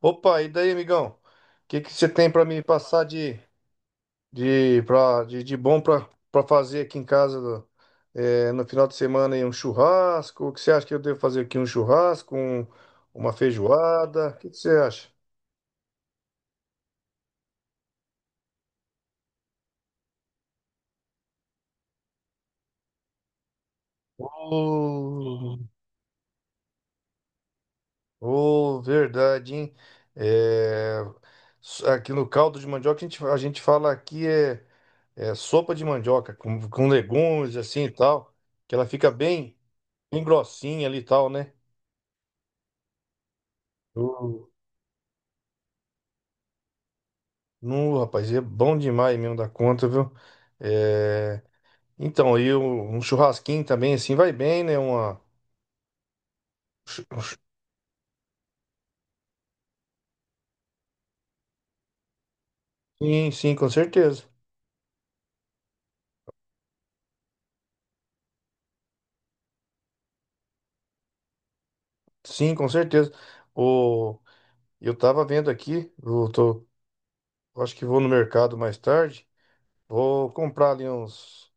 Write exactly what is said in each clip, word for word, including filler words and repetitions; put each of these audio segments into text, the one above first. Opa, e daí, amigão? O que que você tem pra me passar de de, pra, de, de bom pra para fazer aqui em casa do- é, no final de semana aí, um churrasco? O que você acha que eu devo fazer aqui? Um churrasco, um- uma feijoada? O que que você acha? Oh, Ô, verdade, hein? É, s- Aqui no caldo de mandioca a gente, a gente fala aqui é, é sopa de mandioca com, com legumes assim e tal, que ela fica bem, bem grossinha ali e tal, né? No, rapaz, é bom demais mesmo da conta, viu? É, Então, aí um churrasquinho também, assim, vai bem, né? Uma... chu- um chu- Sim, sim, com certeza. Sim, com certeza. O... Eu tava vendo aqui, eu tô... eu acho que vou no mercado mais tarde, vou comprar ali uns,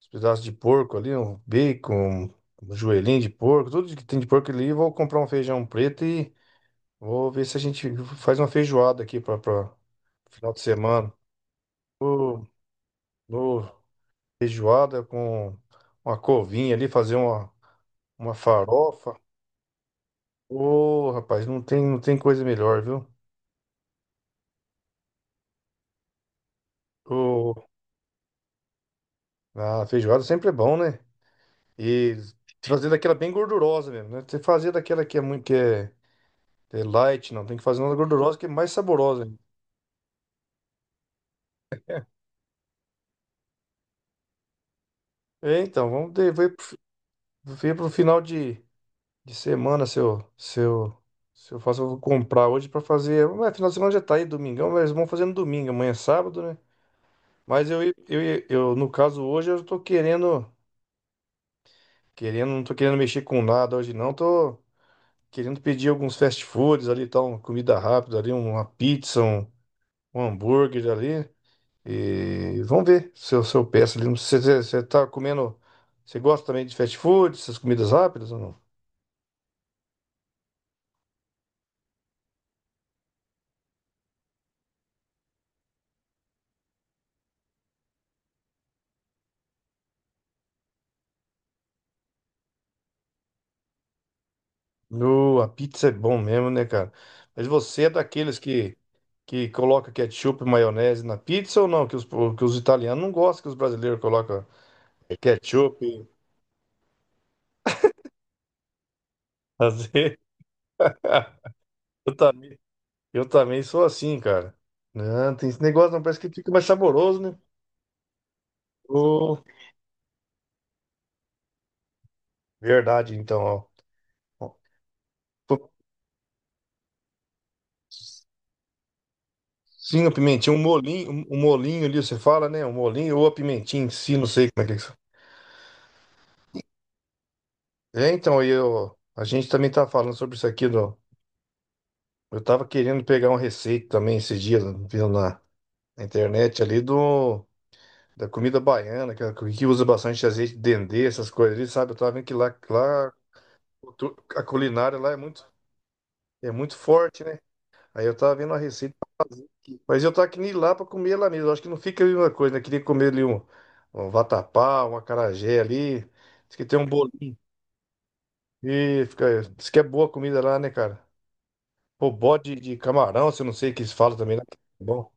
uns pedaços de porco ali, um bacon, um joelhinho de porco, tudo que tem de porco ali, vou comprar um feijão preto e vou ver se a gente faz uma feijoada aqui para final de semana. Ô, feijoada com uma covinha ali, fazer uma, uma farofa. Ô, rapaz, não tem, não tem coisa melhor, viu? Ô, a feijoada sempre é bom, né? E fazer daquela bem gordurosa mesmo, né? Você fazer daquela que é muito, que é, é light, não. Tem que fazer uma gordurosa que é mais saborosa ainda. É, então, vamos ver, ver pro, fi- ver pro final de, de semana se eu, se eu, se eu faço, eu vou comprar hoje pra fazer. Ué, final de semana já tá aí, domingão, mas vamos fazer no domingo. Amanhã é sábado, né? Mas eu, eu, eu, no caso hoje, eu tô querendo, querendo, não tô querendo mexer com nada hoje não, tô querendo pedir alguns fast foods ali, tal, uma comida rápida ali, uma pizza, um, um hambúrguer ali, e vamos ver se eu, se eu peço ali, você, você, você tá comendo, você gosta também de fast food, essas comidas rápidas ou não? No, a pizza é bom mesmo, né, cara? Mas você é daqueles que, que coloca ketchup e maionese na pizza ou não? Que os, que os italianos não gostam que os brasileiros colocam ketchup. Fazer. Eu também, eu também sou assim, cara. Não, tem esse negócio, não. Parece que fica mais saboroso, né? Ô, verdade, então, ó. Ó, tô- Sim, a pimentinha, um molinho, um um molinho ali, você fala, né? Um molinho ou a pimentinha em si, não sei como é que é isso. É, então, e eu, a gente também tava falando sobre isso aqui, do, eu tava querendo pegar uma receita também esses dias, viu, na, na internet ali, do, da comida baiana, que, que usa bastante azeite de dendê, essas coisas ali, sabe? Eu tava vendo que lá, lá a cultu- a culinária lá é muito. É muito forte, né? Aí eu tava vendo a receita. Mas eu tava querendo ir lá pra comer lá mesmo. Acho que não fica a mesma coisa, né? Queria comer ali um, um vatapá, um acarajé ali. Diz que tem um bolinho. E fica. Diz que é boa a comida lá, né, cara? Pô, bode de camarão, se eu não sei o que eles falam também lá. É bom.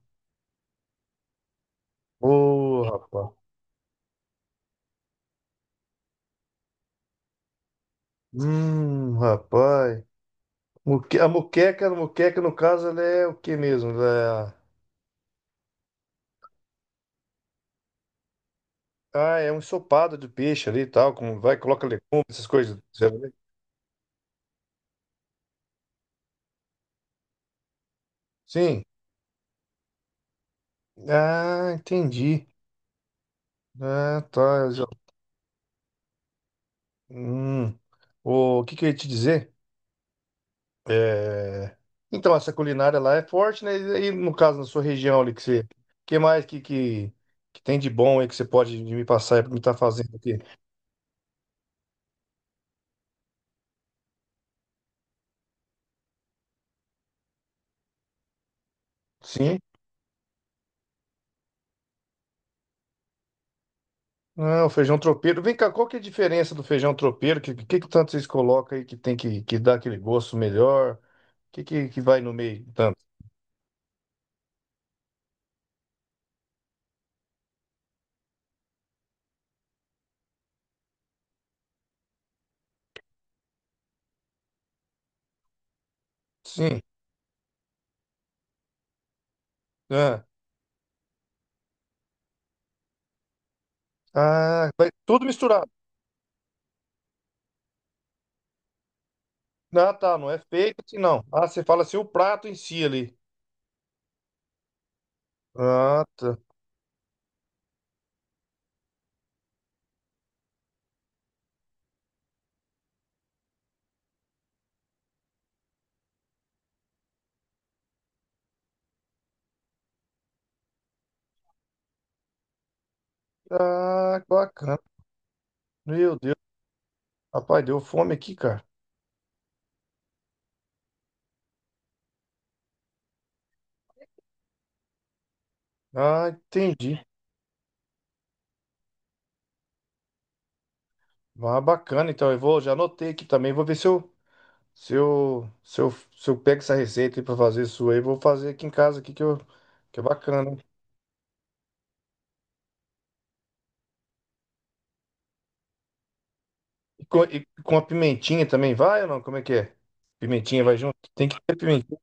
Ô, rapaz. Hum, rapaz. Muque- A moqueca, a moqueca, no caso, ela é o que mesmo? Ela é- Ah, é um ensopado de peixe ali e tal. Como vai, coloca legumes, essas coisas. Sim. Ah, entendi. Ah, tá. eu já- Hum. O que que eu ia te dizer? É, então, essa culinária lá é forte, né? E aí, no caso, na sua região ali, que você... que mais que, que, que tem de bom aí que você pode me passar e me estar fazendo aqui? Sim? Ah, o feijão tropeiro. Vem cá, qual que é a diferença do feijão tropeiro? O que, que, que tanto vocês colocam aí que tem que, que dar aquele gosto melhor? O que, que, que vai no meio tanto? Sim. Ah, ah, vai tudo misturado. Ah, tá. Não é feito assim, não. Ah, você fala assim, o prato em si ali. Ah, tá. Ah, que bacana. Meu Deus. Rapaz, deu fome aqui, cara. Ah, entendi. Ah, bacana. Então, eu vou, já anotei aqui também. Vou ver se eu, se eu, se eu, se eu pego essa receita aí pra fazer sua aí. Vou fazer aqui em casa aqui que eu, que é bacana. E com, e com a pimentinha também vai ou não? Como é que é? Pimentinha vai junto? Tem que ter pimentinha.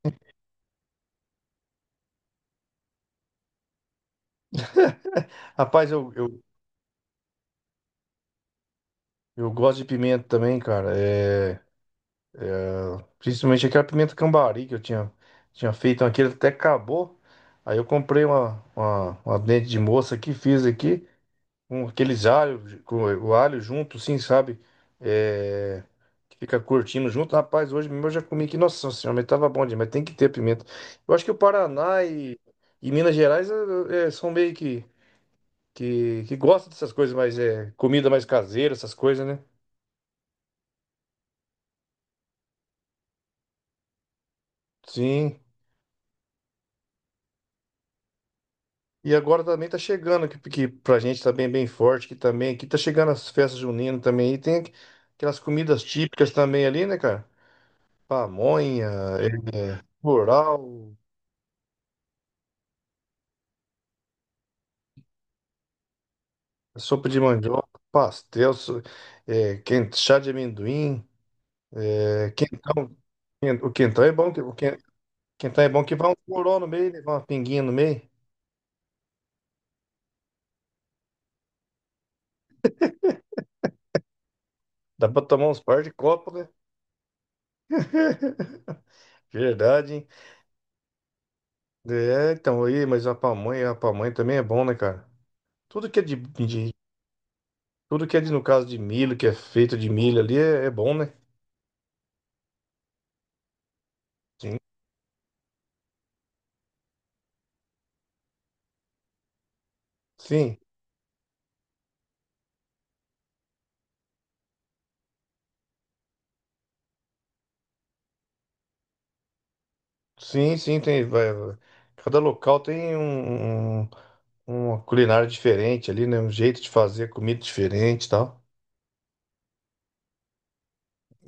Rapaz, eu, eu, eu gosto de pimenta também, cara. É. Principalmente aquela pimenta cambari que eu tinha, tinha feito, então aquilo até acabou. Aí eu comprei uma, uma, uma dente de moça aqui, fiz aqui, com aqueles alho, com o alho junto, assim, sabe? É, que fica curtindo junto. Rapaz, hoje mesmo eu já comi aqui, nossa senhora, mas tava bom demais, tem que ter pimenta. Eu acho que o Paraná e, e Minas Gerais é, é, são meio que, que, que gostam dessas coisas, mas é comida mais caseira, essas coisas, né? Sim. E agora também tá chegando, que, que pra gente tá bem, bem forte, que também, aqui tá chegando as festas juninas também, e tem aqu- aquelas comidas típicas também ali, né, cara? Pamonha, é, curau, sopa de mandioca, pastel, so- é, quen- chá de amendoim, é, quentão. Quen- O quentão é bom, que, o quen- quentão é bom que vai um curau no meio, né? Vai uma pinguinha no meio. Dá pra tomar uns par de copos, né? Verdade, hein? É, então aí, mas a pamonha, a pamonha também é bom, né, cara? Tudo que é de, de, Tudo que é de, no caso de milho, que é feito de milho ali, é, é bom, né? Sim. Sim, sim, sim, tem. Vai, vai. Cada local tem um, um- um, uma culinária diferente ali, né? Um jeito de fazer comida diferente e tal.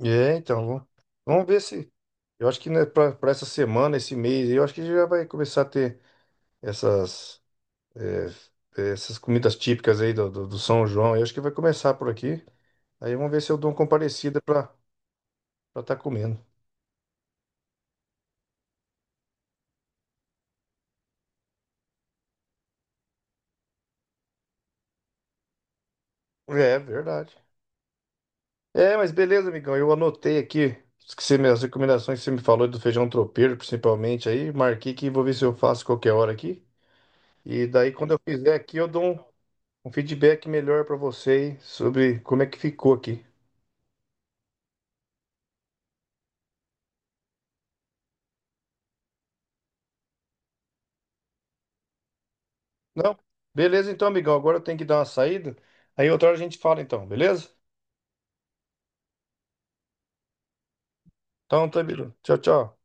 É, então, vamos vamos ver se. Eu acho que né, para essa semana, esse mês, aí, eu acho que já vai começar a ter essas, é, essas comidas típicas aí do, do, do São João. Eu acho que vai começar por aqui. Aí vamos ver se eu dou uma comparecida para estar comendo. É verdade. É, mas beleza, amigão. Eu anotei aqui as que você- me- as recomendações que você me falou do feijão tropeiro, principalmente aí. Marquei que vou ver se eu faço qualquer hora aqui. E daí, quando eu fizer aqui, eu dou um, um feedback melhor pra você aí sobre como é que ficou aqui. Não? Beleza, então, amigão. Agora eu tenho que dar uma saída. Aí outra hora a gente fala, então, beleza? Então, tá, beleza. Tchau, tchau.